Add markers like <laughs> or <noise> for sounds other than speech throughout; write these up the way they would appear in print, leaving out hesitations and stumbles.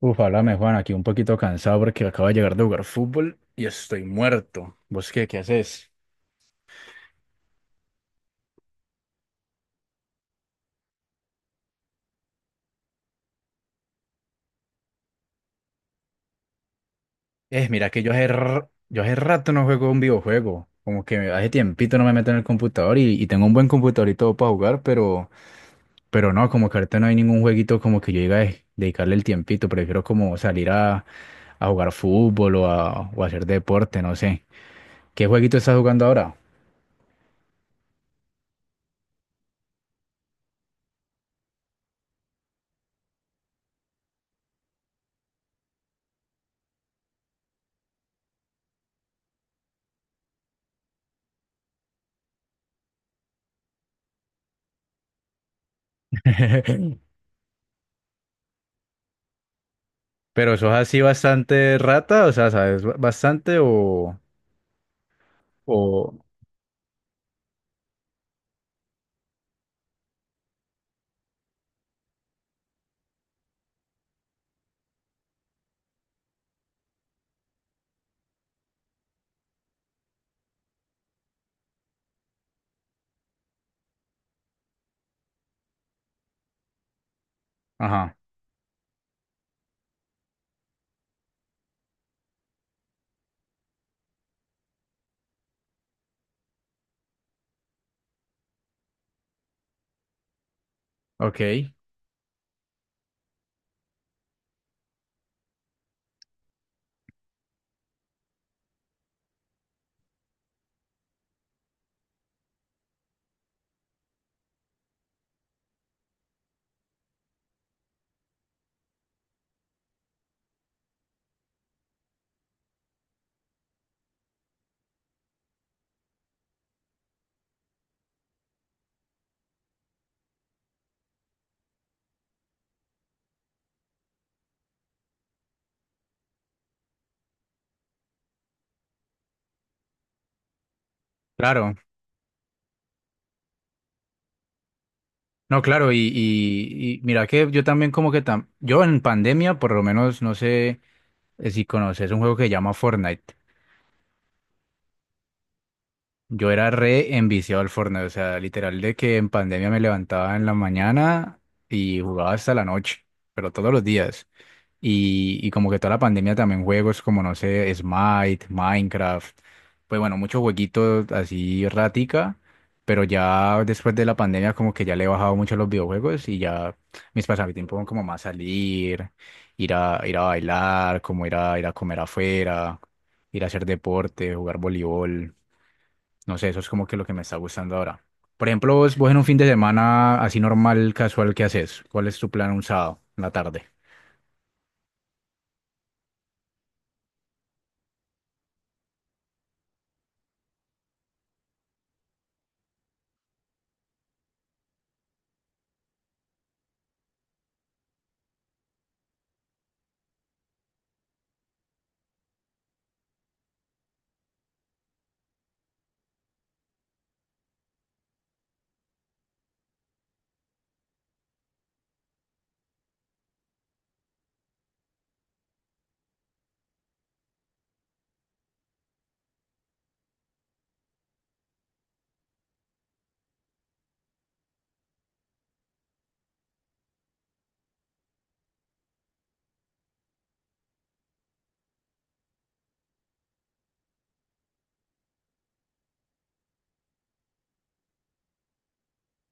Uf, háblame, Juan, aquí un poquito cansado porque acabo de llegar de jugar fútbol y estoy muerto. ¿Vos qué, qué haces? Mira que yo hace rato no juego un videojuego. Como que hace tiempito no me meto en el computador y tengo un buen computador y todo para jugar, pero no, como que ahorita no hay ningún jueguito como que yo diga: dedicarle el tiempito. Prefiero como salir a jugar fútbol o o a hacer deporte, no sé. ¿Qué jueguito estás jugando ahora?" <laughs> Pero sos así bastante rata, o sea, ¿bastante o, o? Ajá, ok, claro. No, claro, y mira que yo también como que tam yo en pandemia, por lo menos, no sé, si conoces un juego que se llama Fortnite. Yo era re enviciado al Fortnite, o sea, literal de que en pandemia me levantaba en la mañana y jugaba hasta la noche, pero todos los días. Y como que toda la pandemia también juegos como, no sé, Smite, Minecraft, pues bueno, muchos jueguitos así ratica, pero ya después de la pandemia como que ya le he bajado mucho a los videojuegos y ya mis pasatiempos son como más salir, ir a bailar, como ir a comer afuera, ir a hacer deporte, jugar voleibol, no sé, eso es como que lo que me está gustando ahora. Por ejemplo, vos en un fin de semana así normal, casual, ¿qué haces? ¿Cuál es tu plan un sábado en la tarde?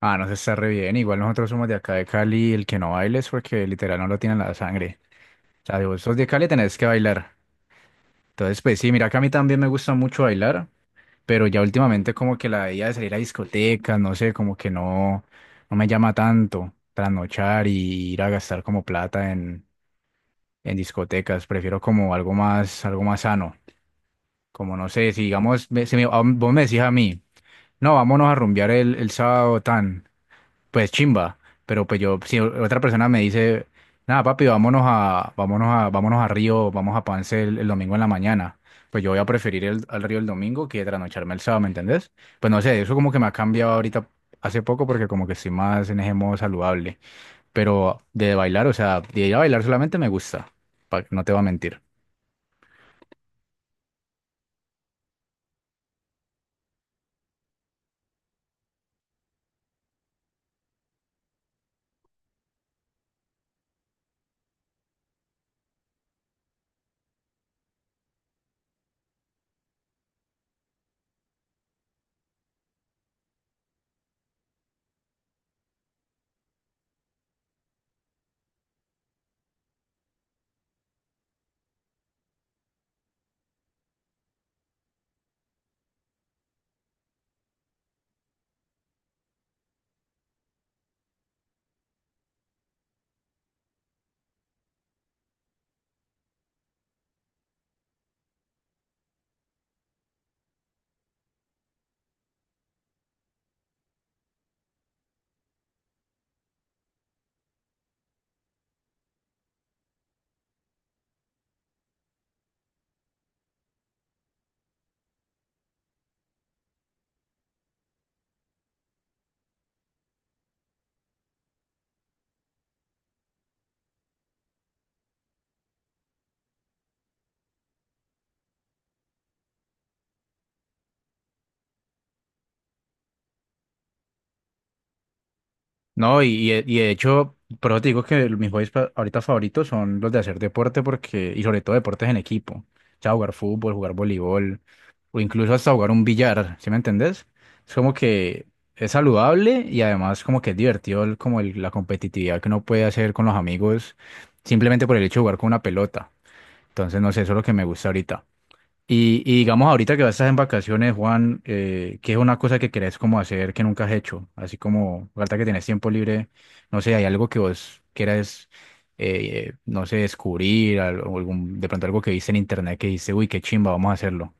Ah, no, se está re bien. Igual nosotros somos de acá de Cali, el que no baile es porque literal no lo tienen la sangre. O sea, si vos sos de Cali tenés que bailar. Entonces, pues sí, mira que a mí también me gusta mucho bailar, pero ya últimamente como que la idea de salir a discotecas, no sé, como que no, no me llama tanto trasnochar y ir a gastar como plata en discotecas. Prefiero como algo más sano. Como no sé, si digamos, me- si me- a- vos me decís a mí, no, vámonos a rumbear el sábado tan, pues chimba, pero pues yo, si otra persona me dice, nada, papi, vámonos a Río, vamos a Pance el domingo en la mañana, pues yo voy a preferir el, al Río el domingo que trasnocharme el sábado, ¿me entendés? Pues no sé, eso como que me ha cambiado ahorita hace poco porque como que estoy más en ese modo saludable, pero de bailar, o sea, de ir a bailar solamente me gusta, pa- no te voy a mentir. No, y de hecho, por eso te digo que mis hobbies pa- ahorita favoritos son los de hacer deporte porque, y sobre todo deportes en equipo. O sea, jugar fútbol, jugar voleibol, o incluso hasta jugar un billar, ¿sí me entendés? Es como que es saludable y además como que es divertido el- como el- la competitividad que uno puede hacer con los amigos simplemente por el hecho de jugar con una pelota. Entonces, no sé, eso es lo que me gusta ahorita. Y digamos ahorita que vas a estar en vacaciones, Juan, ¿qué es una cosa que querés como hacer que nunca has hecho? Así como ahorita que tenés tiempo libre, no sé, ¿hay algo que vos quieras, no sé, descubrir, al- o algún, de pronto algo que viste en internet que dice, uy, qué chimba, vamos a hacerlo?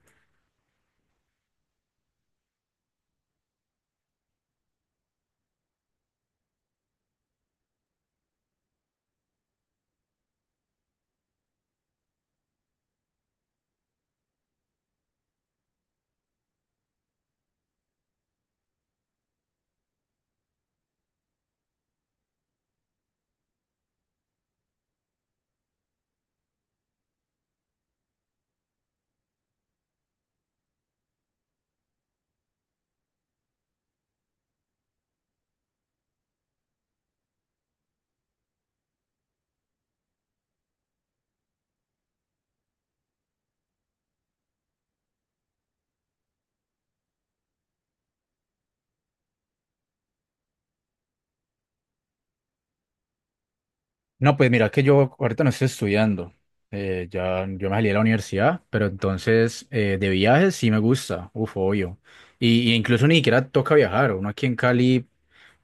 No, pues mira que yo ahorita no estoy estudiando. Ya yo me salí de la universidad, pero entonces de viajes sí me gusta, uf, obvio. Y incluso ni siquiera toca viajar. Uno aquí en Cali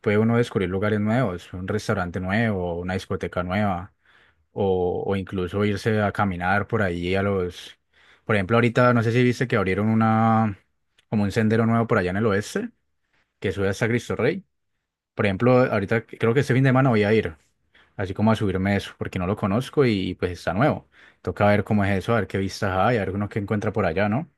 puede uno descubrir lugares nuevos, un restaurante nuevo, una discoteca nueva, o incluso irse a caminar por ahí a los. Por ejemplo, ahorita no sé si viste que abrieron una como un sendero nuevo por allá en el oeste que sube hasta Cristo Rey. Por ejemplo, ahorita creo que este fin de semana voy a ir así como a subirme eso, porque no lo conozco y pues está nuevo. Toca ver cómo es eso, a ver qué vistas hay, a ver uno que encuentra por allá, ¿no?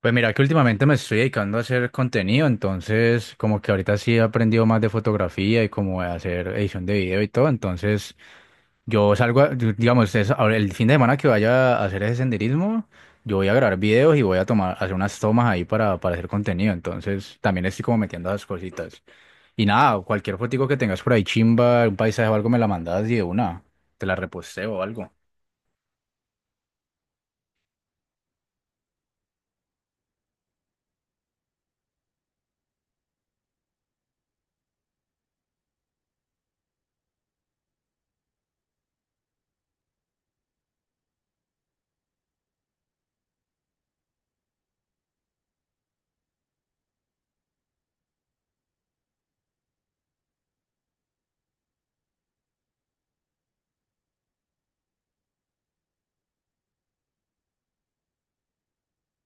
Pues mira que últimamente me estoy dedicando a hacer contenido, entonces como que ahorita sí he aprendido más de fotografía y como de hacer edición de video y todo, entonces yo salgo, a- yo- digamos, es- ahora el fin de semana que vaya a hacer ese senderismo, yo voy a grabar videos y voy a tomar, hacer unas tomas ahí para hacer contenido, entonces también estoy como metiendo esas cositas. Y nada, cualquier fotico que tengas por ahí, chimba, un paisaje o algo, me la mandas y de una, te la reposteo o algo.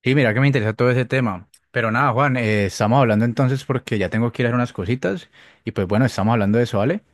Sí, mira que me interesa todo ese tema. Pero nada, Juan, estamos hablando entonces porque ya tengo que ir a hacer unas cositas. Y pues bueno, estamos hablando de eso, ¿vale?